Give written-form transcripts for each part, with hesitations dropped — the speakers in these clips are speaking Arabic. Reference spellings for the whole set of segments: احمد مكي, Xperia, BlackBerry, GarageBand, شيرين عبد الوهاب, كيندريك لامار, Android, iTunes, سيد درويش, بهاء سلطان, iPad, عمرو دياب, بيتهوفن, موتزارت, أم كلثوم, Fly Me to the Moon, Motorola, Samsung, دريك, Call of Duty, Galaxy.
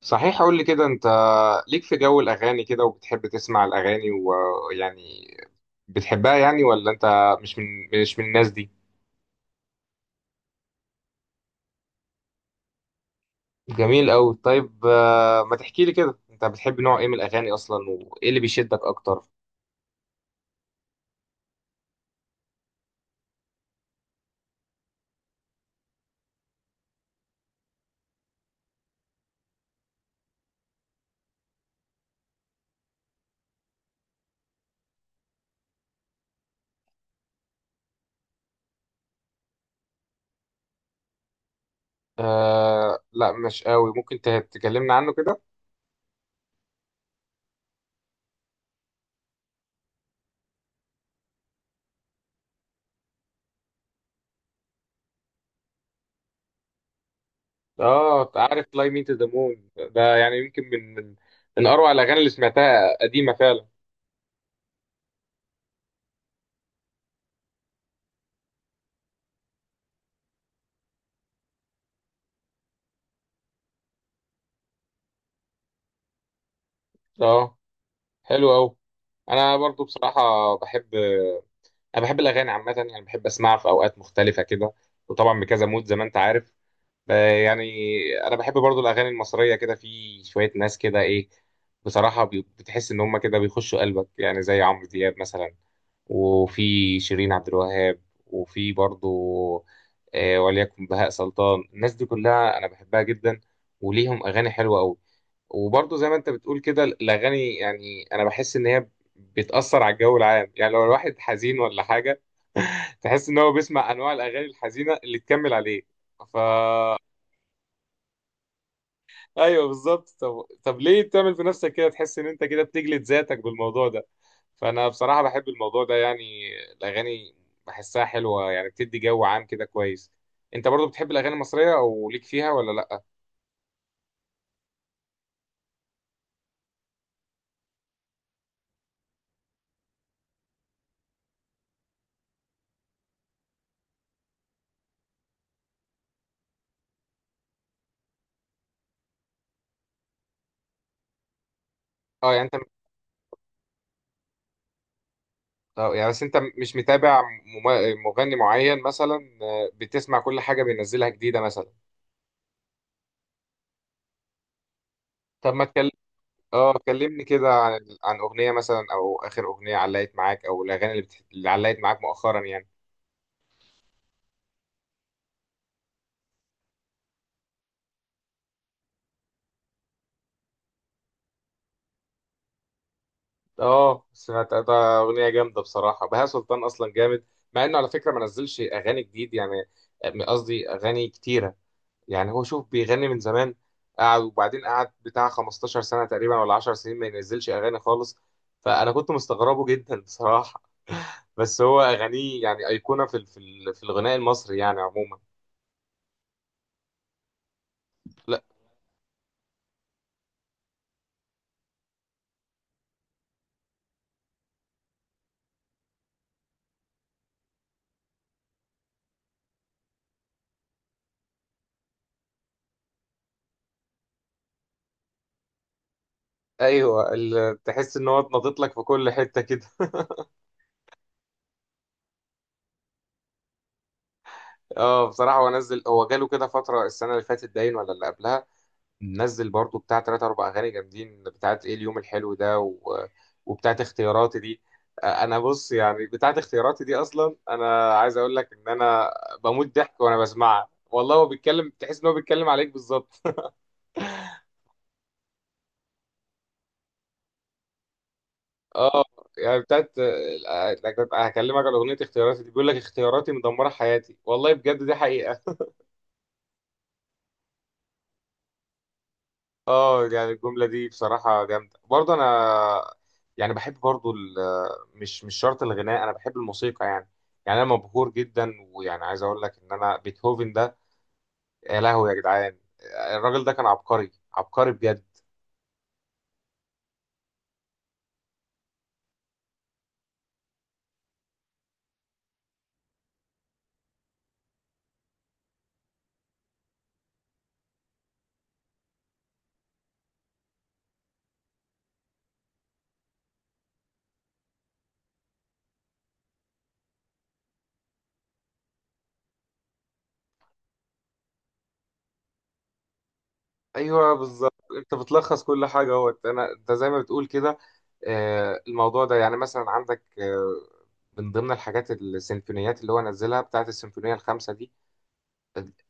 صحيح، قول لي كده، انت ليك في جو الاغاني كده وبتحب تسمع الاغاني ويعني بتحبها يعني، ولا انت مش من مش من الناس دي؟ جميل قوي. طيب ما تحكي لي كده، انت بتحب نوع ايه من الاغاني اصلا وايه اللي بيشدك اكتر؟ آه لا، مش قوي. ممكن تكلمنا عنه كده. اه عارف Fly Me to the Moon. ده يعني يمكن من اروع الاغاني اللي سمعتها، قديمة فعلا. اه، حلو قوي. انا برضو بصراحة انا بحب الاغاني عامه، يعني بحب اسمعها في اوقات مختلفه كده، وطبعا بكذا مود زي ما انت عارف. ب- يعني انا بحب برضو الاغاني المصريه، كده في شويه ناس كده ايه، بصراحه بتحس ان هم كده بيخشوا قلبك، يعني زي عمرو دياب مثلا، وفي شيرين عبد الوهاب، وفي برضو وليكن بهاء سلطان. الناس دي كلها انا بحبها جدا وليهم اغاني حلوه قوي. وبرضو زي ما انت بتقول كده، الاغاني يعني انا بحس ان هي بتأثر على الجو العام. يعني لو الواحد حزين ولا حاجة، تحس إن هو بيسمع أنواع الأغاني الحزينة اللي تكمل عليه. فا أيوه، بالظبط. طب ليه تعمل في نفسك كده؟ تحس إن أنت كده بتجلد ذاتك بالموضوع ده. فأنا بصراحة بحب الموضوع ده يعني، الأغاني بحسها حلوة، يعني بتدي جو عام كده كويس. أنت برضو بتحب الأغاني المصرية أو ليك فيها، ولا لأ؟ أه يعني أنت أه يعني بس أنت مش متابع مغني معين مثلا، بتسمع كل حاجة بينزلها جديدة مثلا؟ طب ما تكلمني، اه كلمني كده عن اغنيه مثلا، او اخر اغنيه علقت معاك، او الاغاني اللي علقت معاك مؤخرا يعني. اه سمعت ده، اغنيه جامده بصراحه. بهاء سلطان اصلا جامد، مع انه على فكره ما نزلش اغاني جديد يعني، قصدي اغاني كتيره. يعني هو شوف، بيغني من زمان، قعد وبعدين قعد بتاع 15 سنه تقريبا ولا 10 سنين ما ينزلش اغاني خالص. فانا كنت مستغربه جدا بصراحه. بس هو اغانيه يعني ايقونه في في الغناء المصري يعني عموما. ايوه تحس ان هو اتنطط لك في كل حته كده. اه بصراحه هو جاله كده فتره السنه اللي فاتت باين، ولا اللي قبلها. نزل برضو بتاع تلاتة اربع اغاني جامدين، بتاعت ايه، اليوم الحلو ده و... وبتاعت اختياراتي دي. انا بص يعني، بتاعت اختياراتي دي اصلا، انا عايز اقول لك ان انا بموت ضحك وانا بسمعها. والله هو بيتكلم، تحس ان هو بيتكلم عليك بالظبط. اه يعني بتاعت آه، هكلمك على اغنيه اختياراتي دي. بيقول لك اختياراتي مدمره حياتي، والله بجد دي حقيقه. اه يعني الجملة دي بصراحة جامدة برضه. انا يعني بحب برضه مش شرط الغناء، انا بحب الموسيقى يعني انا مبهور جدا، ويعني عايز اقول لك ان انا بيتهوفن ده، يا لهوي يا جدعان، الراجل ده كان عبقري عبقري بجد. ايوه بالظبط، انت بتلخص كل حاجة اهوت. انا انت زي ما بتقول كده، الموضوع ده يعني مثلا عندك من ضمن الحاجات السيمفونيات اللي هو نزلها، بتاعت السيمفونية الخامسة دي،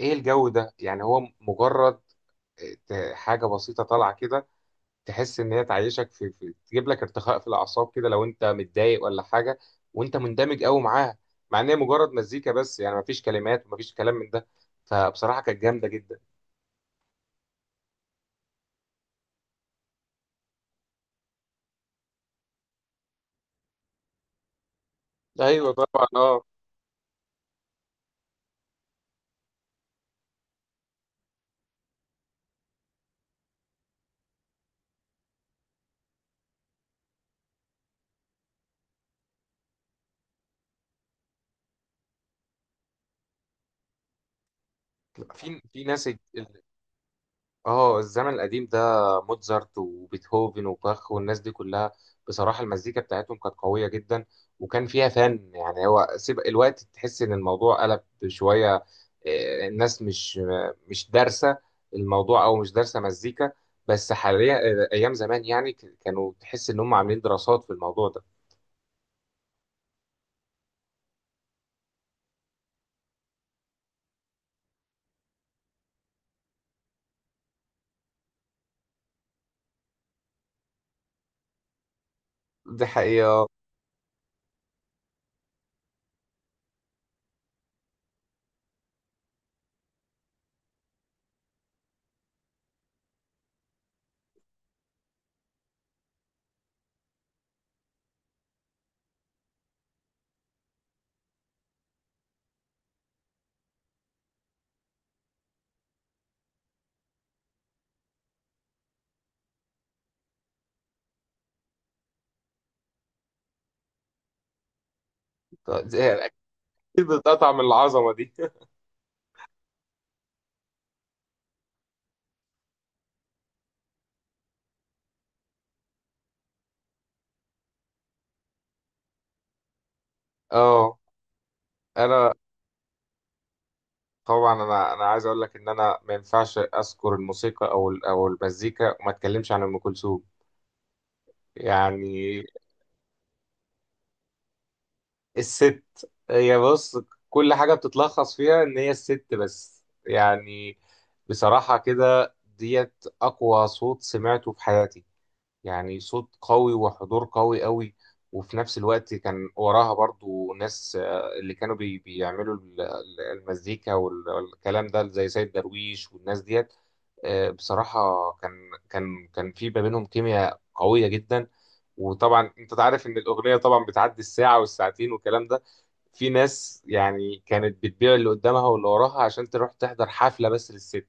ايه الجو ده يعني. هو مجرد حاجه بسيطه طالعه كده، تحس ان هي تعيشك في تجيب لك ارتخاء في الاعصاب كده، لو انت متضايق ولا حاجه، وانت مندمج قوي معاها. مع ان هي مجرد مزيكا بس يعني، مفيش كلمات ومفيش كلام من ده. فبصراحه كانت جامده جدا. ايوه طبعا. اه، في ناس. اه، الزمن القديم ده، موتزارت وبيتهوفن وباخ والناس دي كلها، بصراحة المزيكا بتاعتهم كانت قوية جدا وكان فيها فن. يعني هو سيب الوقت، تحس ان الموضوع قلب شوية. الناس مش دارسة الموضوع، او مش دارسة مزيكا بس حاليا، ايام زمان يعني كانوا تحس ان هم عاملين دراسات في الموضوع ده. دي حقيقة. اكيد، بتقطع من العظمة دي. اه، انا طبعا، انا عايز اقول لك ان انا ما ينفعش اذكر الموسيقى او او المزيكا وما اتكلمش عن ام كلثوم. يعني الست، هي بص، كل حاجه بتتلخص فيها ان هي الست بس يعني. بصراحه كده ديت اقوى صوت سمعته في حياتي، يعني صوت قوي، وحضور قوي قوي. وفي نفس الوقت كان وراها برضو ناس، اللي كانوا بيعملوا المزيكا والكلام ده، زي سيد درويش والناس ديت. بصراحة كان في ما بينهم كيمياء قوية جدا. وطبعا انت عارف ان الاغنية طبعا بتعدي الساعة والساعتين والكلام ده. في ناس يعني كانت بتبيع اللي قدامها واللي وراها عشان تروح تحضر حفلة بس للست.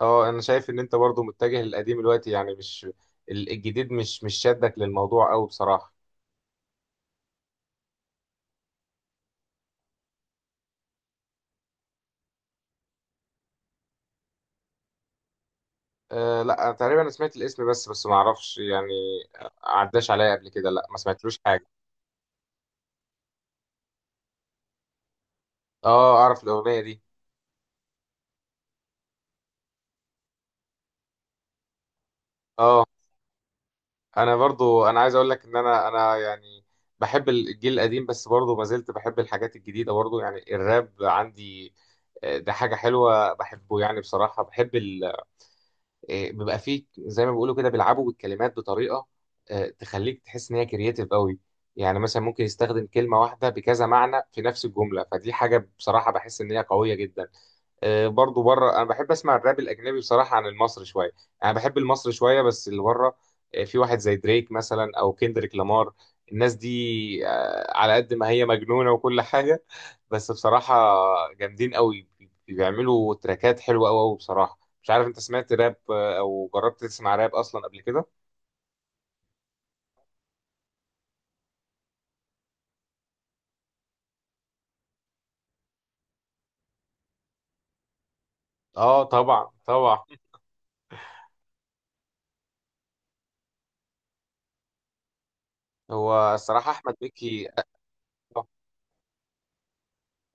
اه انا شايف ان انت برضو متجه للقديم دلوقتي يعني، مش الجديد مش شادك للموضوع قوي بصراحة. أه لا، تقريبا انا سمعت الاسم بس ما اعرفش يعني، عداش عليا قبل كده. لا ما سمعتلوش حاجة. اه اعرف الاغنية دي. اه انا برضو، انا عايز اقول لك ان انا يعني بحب الجيل القديم بس برضو ما زلت بحب الحاجات الجديدة برضو. يعني الراب عندي ده حاجة حلوة، بحبه يعني. بصراحة بحب بيبقى فيه زي ما بيقولوا كده، بيلعبوا بالكلمات بطريقه تخليك تحس ان هي كرييتيف قوي. يعني مثلا ممكن يستخدم كلمه واحده بكذا معنى في نفس الجمله، فدي حاجه بصراحه بحس ان هي قويه جدا. برضو بره، انا بحب اسمع الراب الاجنبي بصراحه عن المصري شويه. انا بحب المصري شويه بس اللي بره في واحد زي دريك مثلا، او كيندريك لامار. الناس دي على قد ما هي مجنونه وكل حاجه، بس بصراحه جامدين قوي، بيعملوا تراكات حلوه قوي قوي بصراحه. مش عارف انت سمعت راب او جربت تسمع راب اصلا قبل كده؟ اه طبعا طبعا. هو الصراحه احمد مكي،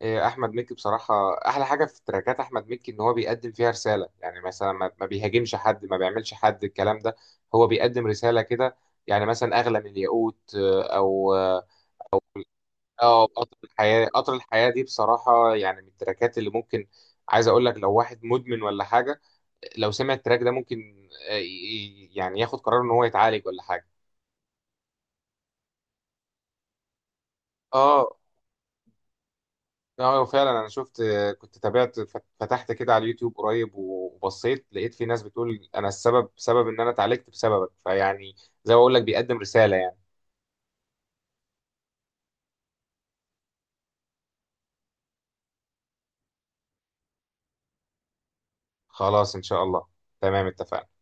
احمد مكي بصراحه، احلى حاجه في تراكات احمد مكي ان هو بيقدم فيها رساله. يعني مثلا ما بيهاجمش حد، ما بيعملش حد، الكلام ده. هو بيقدم رساله كده. يعني مثلا اغلى من الياقوت، آه، او اه أو قطر الحياه. قطر الحياه دي بصراحه يعني من التراكات اللي ممكن، عايز اقول لك لو واحد مدمن ولا حاجه، لو سمع التراك ده ممكن يعني ياخد قرار ان هو يتعالج ولا حاجه. اه اه، فعلا انا شفت، كنت تابعت، فتحت كده على اليوتيوب قريب وبصيت، لقيت في ناس بتقول انا السبب، سبب ان انا اتعالجت بسببك. فيعني زي ما اقول لك، بيقدم رسالة يعني. خلاص ان شاء الله. تمام اتفقنا.